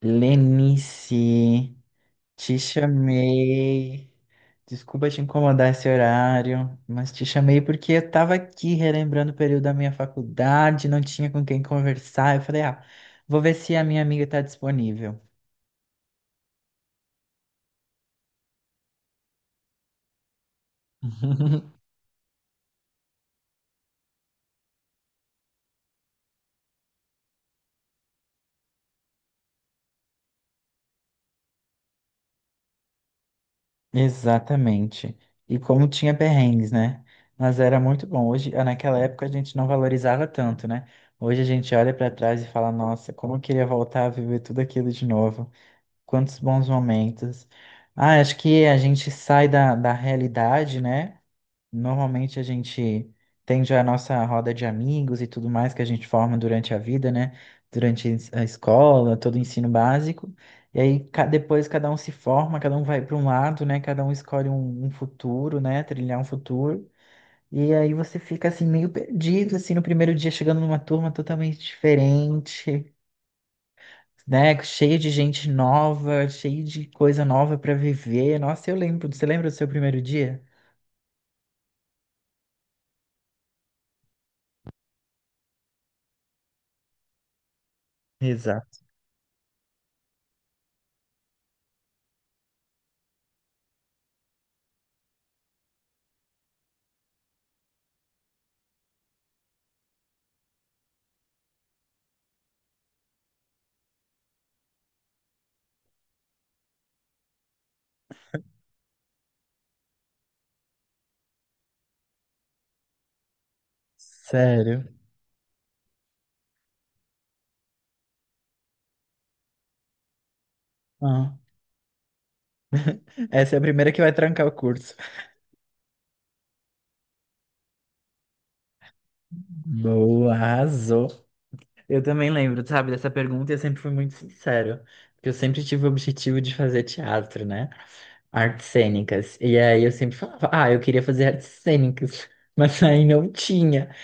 Lenice, te chamei. Desculpa te incomodar esse horário, mas te chamei porque eu tava aqui relembrando o período da minha faculdade, não tinha com quem conversar. Eu falei, vou ver se a minha amiga tá disponível. Exatamente. E como tinha perrengues, né? Mas era muito bom. Hoje, naquela época, a gente não valorizava tanto, né? Hoje a gente olha pra trás e fala, nossa, como eu queria voltar a viver tudo aquilo de novo. Quantos bons momentos. Ah, acho que a gente sai da realidade, né? Normalmente a gente tem já a nossa roda de amigos e tudo mais que a gente forma durante a vida, né? Durante a escola, todo o ensino básico. E aí depois cada um se forma, cada um vai para um lado, né? Cada um escolhe um futuro, né? Trilhar um futuro. E aí você fica assim meio perdido, assim, no primeiro dia chegando numa turma totalmente diferente, né? Cheio de gente nova, cheio de coisa nova pra viver. Nossa, eu lembro. Você lembra do seu primeiro dia? Exato. Sério. Ah, essa é a primeira que vai trancar o curso. Boa, arrasou. Eu também lembro, sabe, dessa pergunta e eu sempre fui muito sincero. Porque eu sempre tive o objetivo de fazer teatro, né? Artes cênicas. E aí eu sempre falava, ah, eu queria fazer artes cênicas, mas aí não tinha.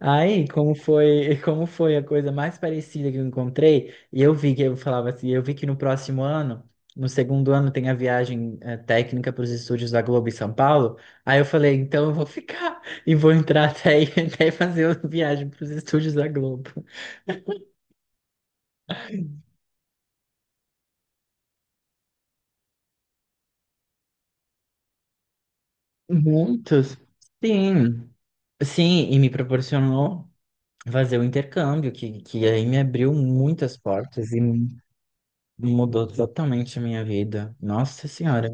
Aí, como foi, como foi a coisa mais parecida que eu encontrei, e eu vi que eu falava assim, eu vi que no próximo ano, no segundo ano, tem a viagem técnica para os estúdios da Globo em São Paulo. Aí eu falei, então eu vou ficar e vou entrar até, até fazer a viagem para os estúdios da Globo. Muitos? Sim. Sim, e me proporcionou fazer o intercâmbio, que aí me abriu muitas portas e mudou totalmente a minha vida. Nossa Senhora,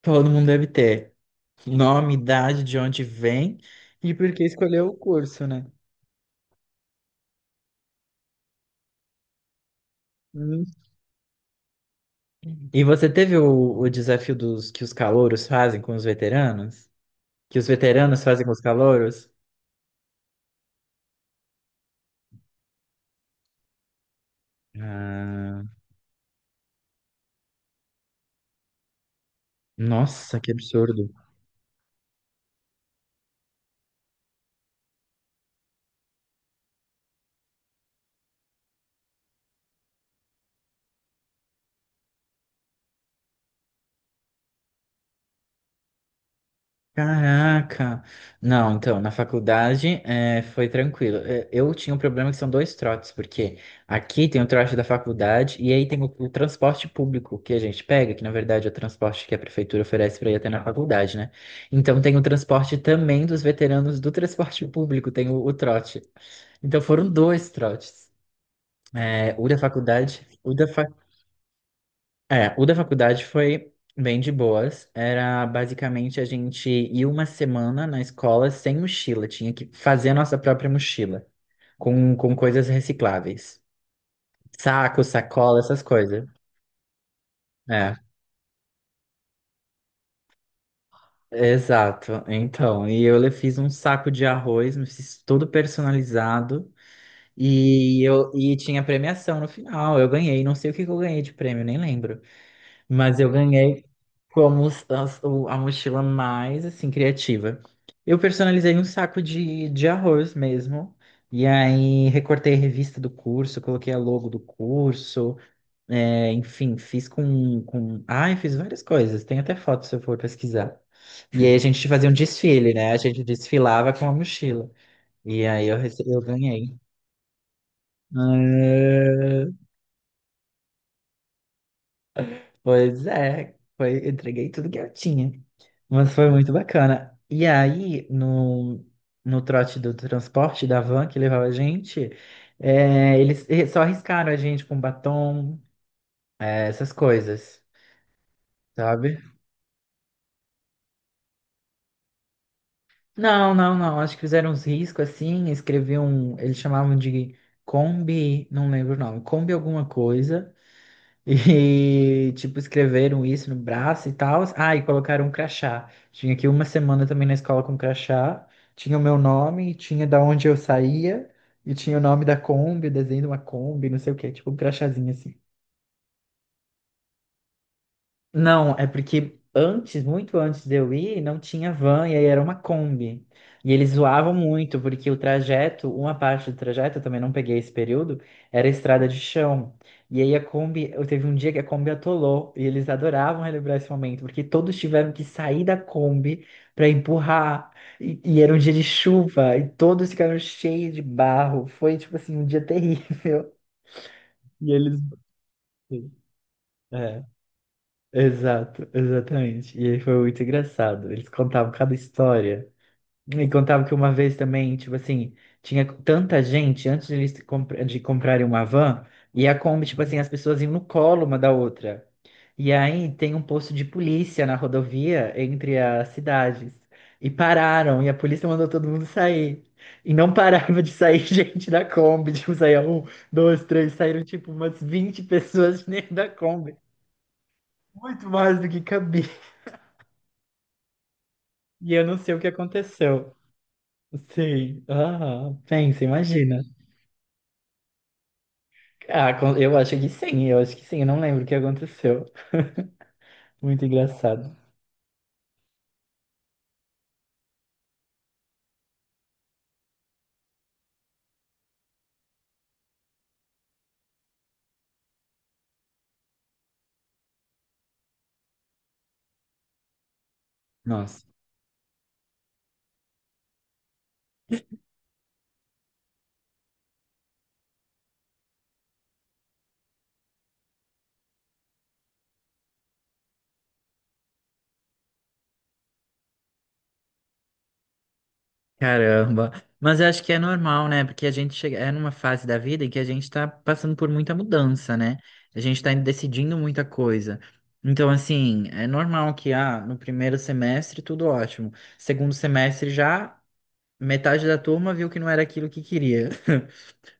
todo mundo deve ter nome, idade, de onde vem e por que escolheu o curso, né? Hum. E você teve o desafio dos que os calouros fazem com os veteranos? Que os veteranos fazem com os calouros? Ah, nossa, que absurdo. Caraca! Não, então, na faculdade foi tranquilo. Eu tinha um problema que são dois trotes, porque aqui tem o trote da faculdade e aí tem o transporte público que a gente pega, que na verdade é o transporte que a prefeitura oferece para ir até na faculdade, né? Então tem o transporte também dos veteranos do transporte público, tem o trote. Então foram dois trotes. Eh, o da faculdade, o da fa é, o da faculdade foi bem de boas. Era basicamente a gente ir uma semana na escola sem mochila, tinha que fazer a nossa própria mochila, com coisas recicláveis. Saco, sacola, essas coisas. É, exato. Então, e fiz um saco de arroz, me fiz tudo personalizado e eu tinha premiação no final. Eu ganhei, não sei o que que eu ganhei de prêmio, nem lembro. Mas eu ganhei como s- as- o- a mochila mais, assim, criativa. Eu personalizei um saco de arroz mesmo. E aí recortei a revista do curso, coloquei a logo do curso. É, enfim, fiz com... Ai, fiz várias coisas. Tem até foto se eu for pesquisar. E aí a gente fazia um desfile, né? A gente desfilava com a mochila. E aí eu ganhei. Ah, pois é, foi, eu entreguei tudo que eu tinha. Mas foi muito bacana. E aí, no trote do transporte da van que levava a gente, é, eles só arriscaram a gente com batom, essas coisas, sabe? Não, não, não. Acho que fizeram uns riscos assim, escreviam, eles chamavam de Kombi, não lembro o nome, Kombi alguma coisa. E, tipo, escreveram isso no braço e tal. Ah, e colocaram um crachá. Tinha aqui uma semana também na escola com crachá. Tinha o meu nome, tinha da onde eu saía, e tinha o nome da Kombi, o desenho de uma Kombi, não sei o quê. Tipo, um crachazinho assim. Não, é porque antes, muito antes de eu ir, não tinha van e aí era uma Kombi. E eles zoavam muito, porque o trajeto, uma parte do trajeto, eu também não peguei esse período, era estrada de chão. E aí a Kombi, eu teve um dia que a Kombi atolou, e eles adoravam relembrar esse momento, porque todos tiveram que sair da Kombi para empurrar. E era um dia de chuva, e todos ficaram cheios de barro. Foi tipo assim, um dia terrível. E eles. É. Exato, exatamente. E aí foi muito engraçado. Eles contavam cada história. E contavam que uma vez também, tipo assim, tinha tanta gente antes de de comprarem uma van, e a Kombi, tipo assim, as pessoas iam no colo uma da outra. E aí tem um posto de polícia na rodovia entre as cidades. E pararam, e a polícia mandou todo mundo sair. E não parava de sair gente da Kombi. Tipo, saía um, dois, três, saíram tipo umas 20 pessoas dentro da Kombi. Muito mais do que cabia. E eu não sei o que aconteceu. Sim. Ah, pensa, imagina. Ah, eu acho que sim, eu acho que sim, eu não lembro o que aconteceu. Muito engraçado. Nossa. Caramba. Mas eu acho que é normal, né? Porque a gente chega é numa fase da vida em que a gente tá passando por muita mudança, né? A gente tá decidindo muita coisa. Então, assim, é normal que no primeiro semestre tudo ótimo. Segundo semestre já metade da turma viu que não era aquilo que queria.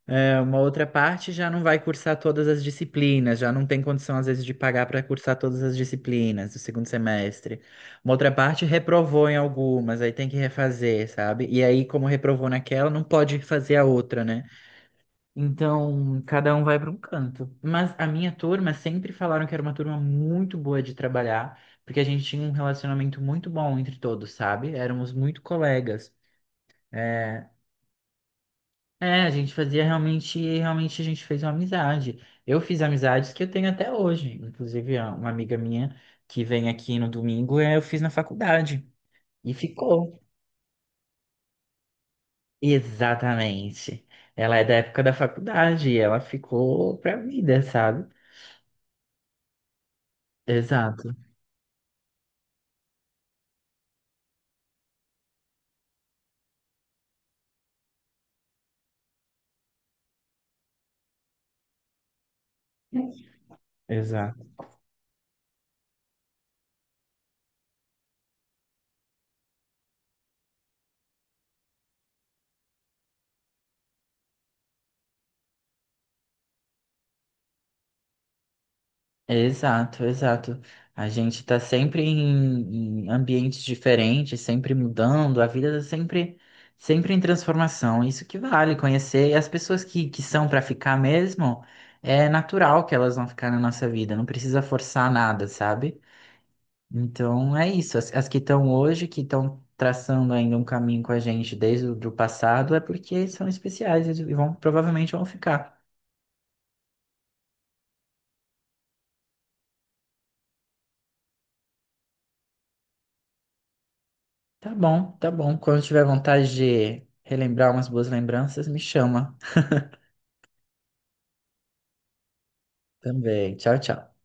É, uma outra parte já não vai cursar todas as disciplinas, já não tem condição, às vezes, de pagar para cursar todas as disciplinas do segundo semestre. Uma outra parte reprovou em algumas, aí tem que refazer, sabe? E aí, como reprovou naquela, não pode fazer a outra, né? Então, cada um vai para um canto. Mas a minha turma sempre falaram que era uma turma muito boa de trabalhar, porque a gente tinha um relacionamento muito bom entre todos, sabe? Éramos muito colegas. É, a gente fazia realmente, realmente a gente fez uma amizade. Eu fiz amizades que eu tenho até hoje. Inclusive, ó, uma amiga minha que vem aqui no domingo, eu fiz na faculdade. E ficou. Exatamente. Ela é da época da faculdade e ela ficou pra vida, sabe? Exato, exato. Exato, exato. A gente está sempre em ambientes diferentes, sempre mudando, a vida tá sempre, sempre em transformação. Isso que vale conhecer. E as pessoas que são para ficar mesmo, é natural que elas vão ficar na nossa vida, não precisa forçar nada, sabe? Então é isso. As que estão hoje, que estão traçando ainda um caminho com a gente desde o do passado, é porque são especiais e vão, provavelmente vão ficar. Tá bom, tá bom. Quando tiver vontade de relembrar umas boas lembranças, me chama também. Tchau, tchau.